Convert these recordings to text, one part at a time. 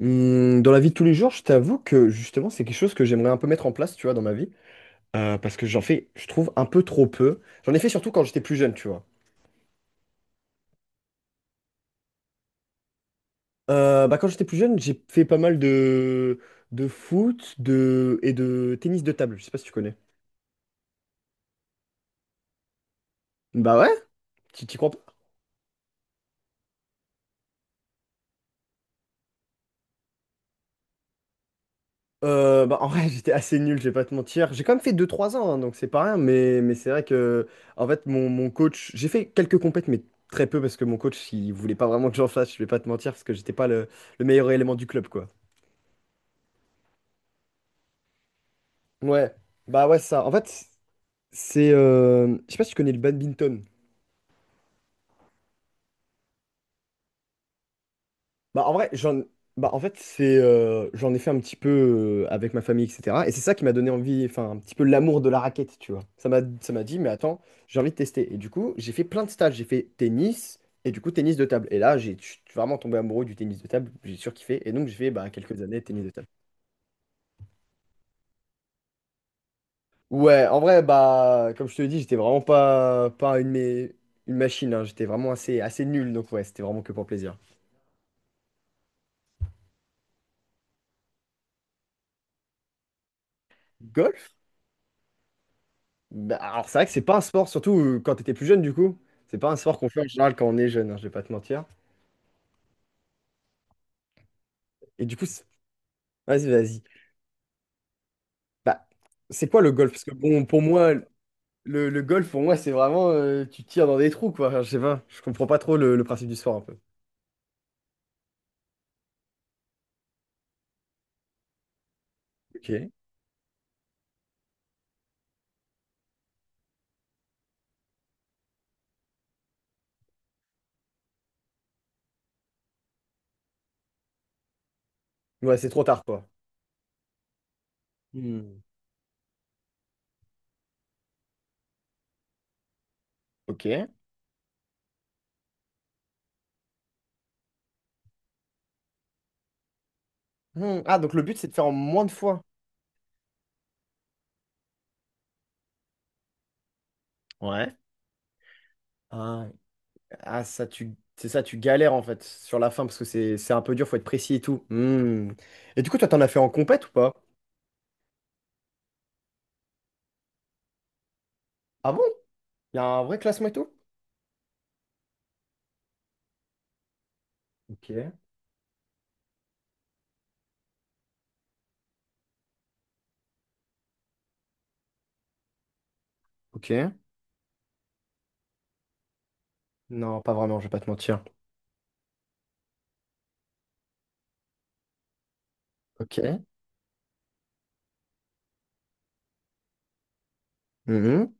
Dans la vie de tous les jours, je t'avoue que justement, c'est quelque chose que j'aimerais un peu mettre en place, tu vois, dans ma vie. Parce que j'en fais, je trouve, un peu trop peu. J'en ai fait surtout quand j'étais plus jeune, tu vois. Quand j'étais plus jeune, j'ai fait pas mal de foot de... et de tennis de table. Je sais pas si tu connais. Bah ouais, tu t'y crois pas? Bah en vrai, j'étais assez nul, je vais pas te mentir. J'ai quand même fait deux trois ans, hein, donc c'est pas rien. Mais c'est vrai que, en fait, mon coach, j'ai fait quelques compètes, mais très peu parce que mon coach, il voulait pas vraiment que j'en fasse, je vais pas te mentir, parce que j'étais pas le meilleur élément du club, quoi. Ouais, bah ouais, c'est ça. En fait, c'est. Je sais pas si tu connais le badminton. Bah en vrai, j'en. Bah en fait, c'est. J'en ai fait un petit peu avec ma famille, etc. Et c'est ça qui m'a donné envie, enfin, un petit peu l'amour de la raquette, tu vois. Ça m'a dit, mais attends, j'ai envie de tester. Et du coup, j'ai fait plein de stages. J'ai fait tennis, et du coup, tennis de table. Et là, j'ai je suis vraiment tombé amoureux du tennis de table. J'ai surkiffé. Et donc, j'ai fait bah, quelques années de tennis de table. Ouais, en vrai, bah, comme je te le dis, j'étais vraiment pas une, une machine, hein. J'étais vraiment assez nul. Donc, ouais, c'était vraiment que pour plaisir. Golf? Bah, alors c'est vrai que c'est pas un sport, surtout quand t'étais plus jeune du coup. C'est pas un sport qu'on fait en général quand on est jeune, hein, je vais pas te mentir. Et du coup, vas-y, vas-y. Bah, c'est quoi le golf? Parce que bon, pour moi, le golf, pour moi, c'est vraiment tu tires dans des trous, quoi. Enfin, je sais pas, je comprends pas trop le principe du sport un peu. Ok. Ouais, c'est trop tard, quoi. Hmm. Ok. Hmm. Ah, donc le but, c'est de faire en moins de fois. Ouais. Ah, ah, ça, c'est ça, tu galères en fait sur la fin parce que c'est un peu dur, faut être précis et tout. Hmm. Et du coup, toi, t'en as fait en compète ou pas? Ah bon? Il y a un vrai classement et tout? Ok. Ok. Non, pas vraiment, je vais pas te mentir. Ok. Mhm.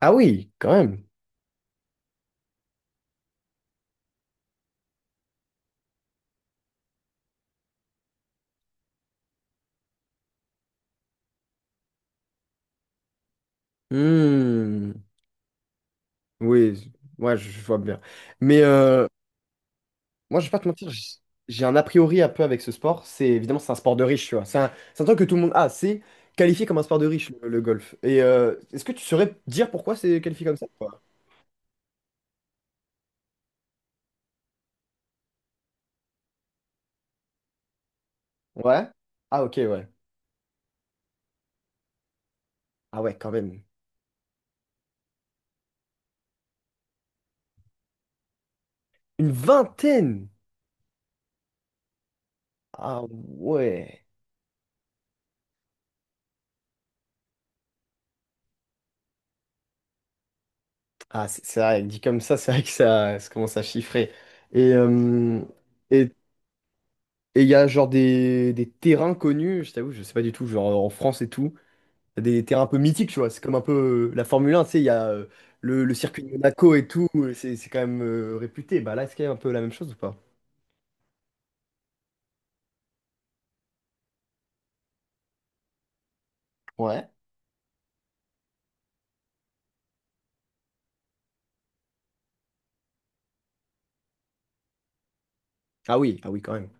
Ah oui, quand même. Hmm. Oui, je- ouais, je vois bien. Mais euh, Moi, je vais pas te mentir, j'ai un a priori un peu avec ce sport. C'est un sport de riche, tu vois. C'est un truc que tout le monde a. C'est qualifié comme un sport de riche, le golf. Est-ce que tu saurais dire pourquoi c'est qualifié comme ça, quoi? Ouais? Ah ok, ouais. Ah ouais, quand même. Une vingtaine! Ah ouais. Ah, c'est vrai, dit comme ça, c'est vrai que ça commence à chiffrer. Et euh, et et il y a genre des terrains connus, je t'avoue, je sais pas du tout, genre en France et tout, t'as des terrains un peu mythiques, tu vois, c'est comme un peu la Formule 1, tu sais, il y a le circuit de Monaco et tout, c'est quand même réputé. Bah là, est-ce qu'il y a un peu la même chose ou pas? Ouais. Ah oui, ah oui, quand même.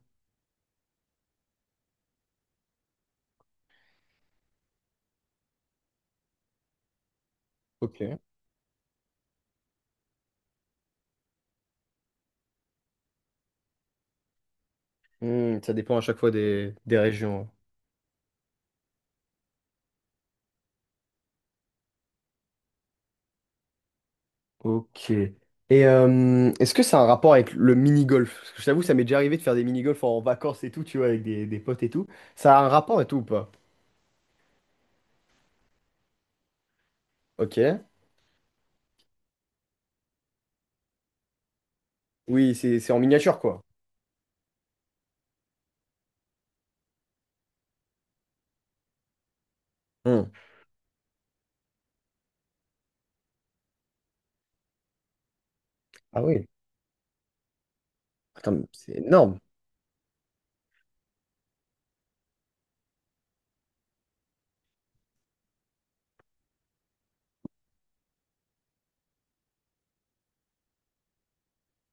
Ok. Hmm, ça dépend à chaque fois des régions, hein. Ok. Est-ce que ça a un rapport avec le mini-golf? Parce que je t'avoue, ça m'est déjà arrivé de faire des mini-golf en vacances et tout, tu vois, avec des potes et tout. Ça a un rapport et tout ou pas? Ok. Oui, c'est en miniature, quoi. Hmm. Ah oui. Attends, mais c'est énorme.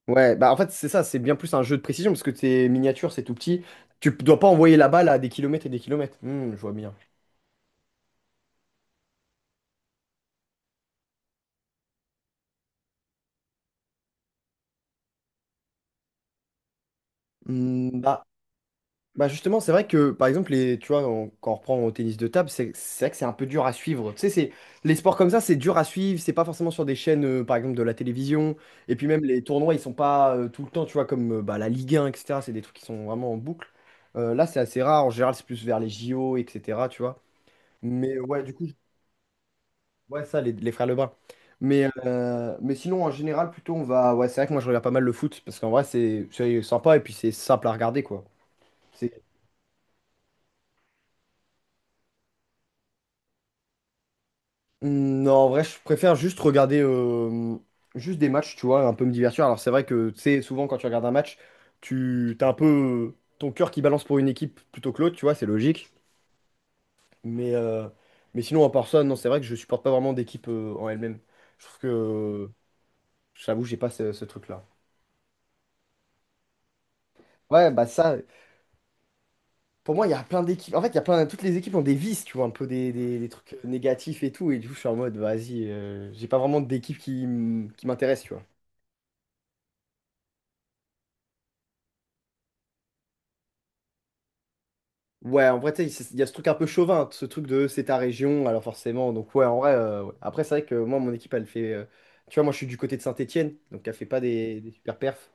Ouais, bah en fait, c'est ça, c'est bien plus un jeu de précision parce que tes miniatures, c'est tout petit. Dois pas envoyer la balle à des kilomètres et des kilomètres. Hmm, je vois bien. Hmm, bah, Bah justement, c'est vrai que par exemple, les, tu vois, on- quand on reprend au tennis de table, c'est vrai que c'est un peu dur à suivre. Tu sais, c'est les sports comme ça, c'est dur à suivre. C'est pas forcément sur des chaînes, par exemple, de la télévision. Et puis même les tournois, ils sont pas tout le temps, tu vois, comme la Ligue 1, etc. C'est des trucs qui sont vraiment en boucle. Là, c'est assez rare. En général, c'est plus vers les JO, etc. Tu vois. Mais ouais, du coup, ouais, ça, les frères Lebrun. Mais sinon, en général, plutôt, on va. Ouais, c'est vrai que moi, je regarde pas mal le foot parce qu'en vrai, c'est sympa et puis c'est simple à regarder, quoi. Mmh, Non, en vrai, je préfère juste regarder juste des matchs, tu vois, un peu me divertir. Alors, c'est vrai que, tu sais, souvent, quand tu regardes un match, tu t'as un peu ton cœur qui balance pour une équipe plutôt que l'autre, tu vois, c'est logique. Mais, euh, mais sinon, en part ça, non, c'est vrai que je supporte pas vraiment d'équipe en elle-même. Je trouve que, j'avoue, j'ai pas ce truc-là. Ouais, bah ça, pour moi, il y a plein d'équipes. En fait, il y a plein, toutes les équipes ont des vices, tu vois, un peu des trucs négatifs et tout. Et du coup, je suis en mode, vas-y, j'ai pas vraiment d'équipe qui m'intéresse, tu vois. Ouais, en vrai, tu sais, il y a ce truc un peu chauvin, ce truc de c'est ta région, alors forcément. Donc, ouais, en vrai, ouais. Après, c'est vrai que moi, mon équipe, elle fait. Tu vois, moi, je suis du côté de Saint-Étienne, donc elle fait pas des super perfs.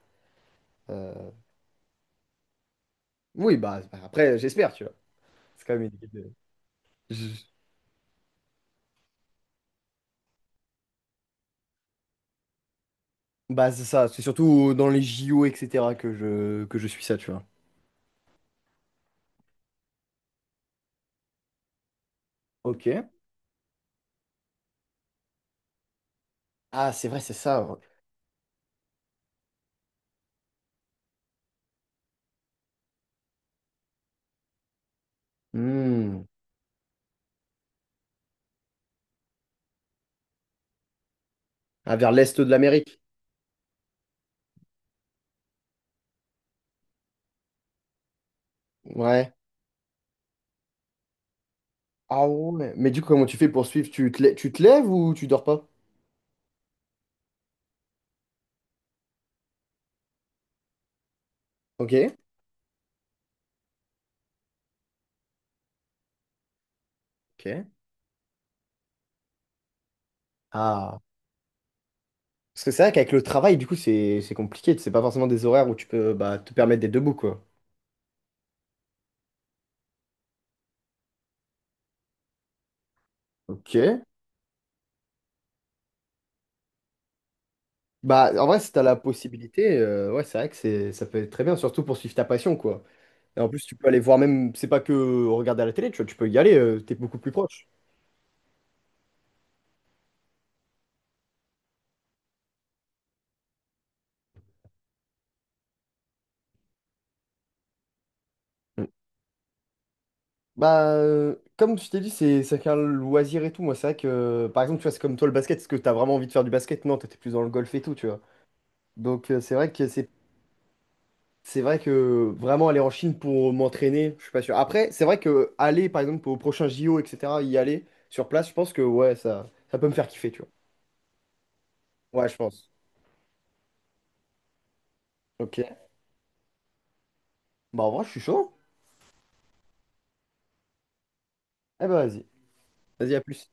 Euh, Oui, bah, après, j'espère, tu vois. C'est quand même une équipe de. Je- Bah, c'est ça, c'est surtout dans les JO, etc., que que je suis ça, tu vois. Ok. Ah, c'est vrai, c'est ça, ouais. Hmm. Ah, vers l'est de l'Amérique. Ouais. Ah ouais. Mais du coup, comment tu fais pour suivre? Tu te lèves ou tu dors pas? Ok. Ok. Ah. Parce que c'est vrai qu'avec le travail, du coup, c'est compliqué. C'est pas forcément des horaires où tu peux bah, te permettre d'être debout, quoi. Ok. Bah, en vrai, si t'as la possibilité, ouais, c'est vrai que c'est ça peut être très bien, surtout pour suivre ta passion, quoi. Et en plus, tu peux aller voir même, c'est pas que regarder à la télé, tu vois, tu peux y aller, t'es beaucoup plus proche. Mm. Bah, comme je t'ai dit, c'est qu'un loisir et tout. Moi, c'est vrai que, par exemple, tu vois, c'est comme toi le basket, est-ce que t'as vraiment envie de faire du basket? Non, t'étais plus dans le golf et tout, tu vois. Donc, C'est vrai que vraiment aller en Chine pour m'entraîner, je suis pas sûr. Après, c'est vrai que aller par exemple au prochain JO, etc., y aller sur place, je pense que ouais, ça peut me faire kiffer, tu vois. Ouais, je pense. Ok. Bah en vrai, je suis chaud, hein. Eh ben vas-y. Vas-y, à plus.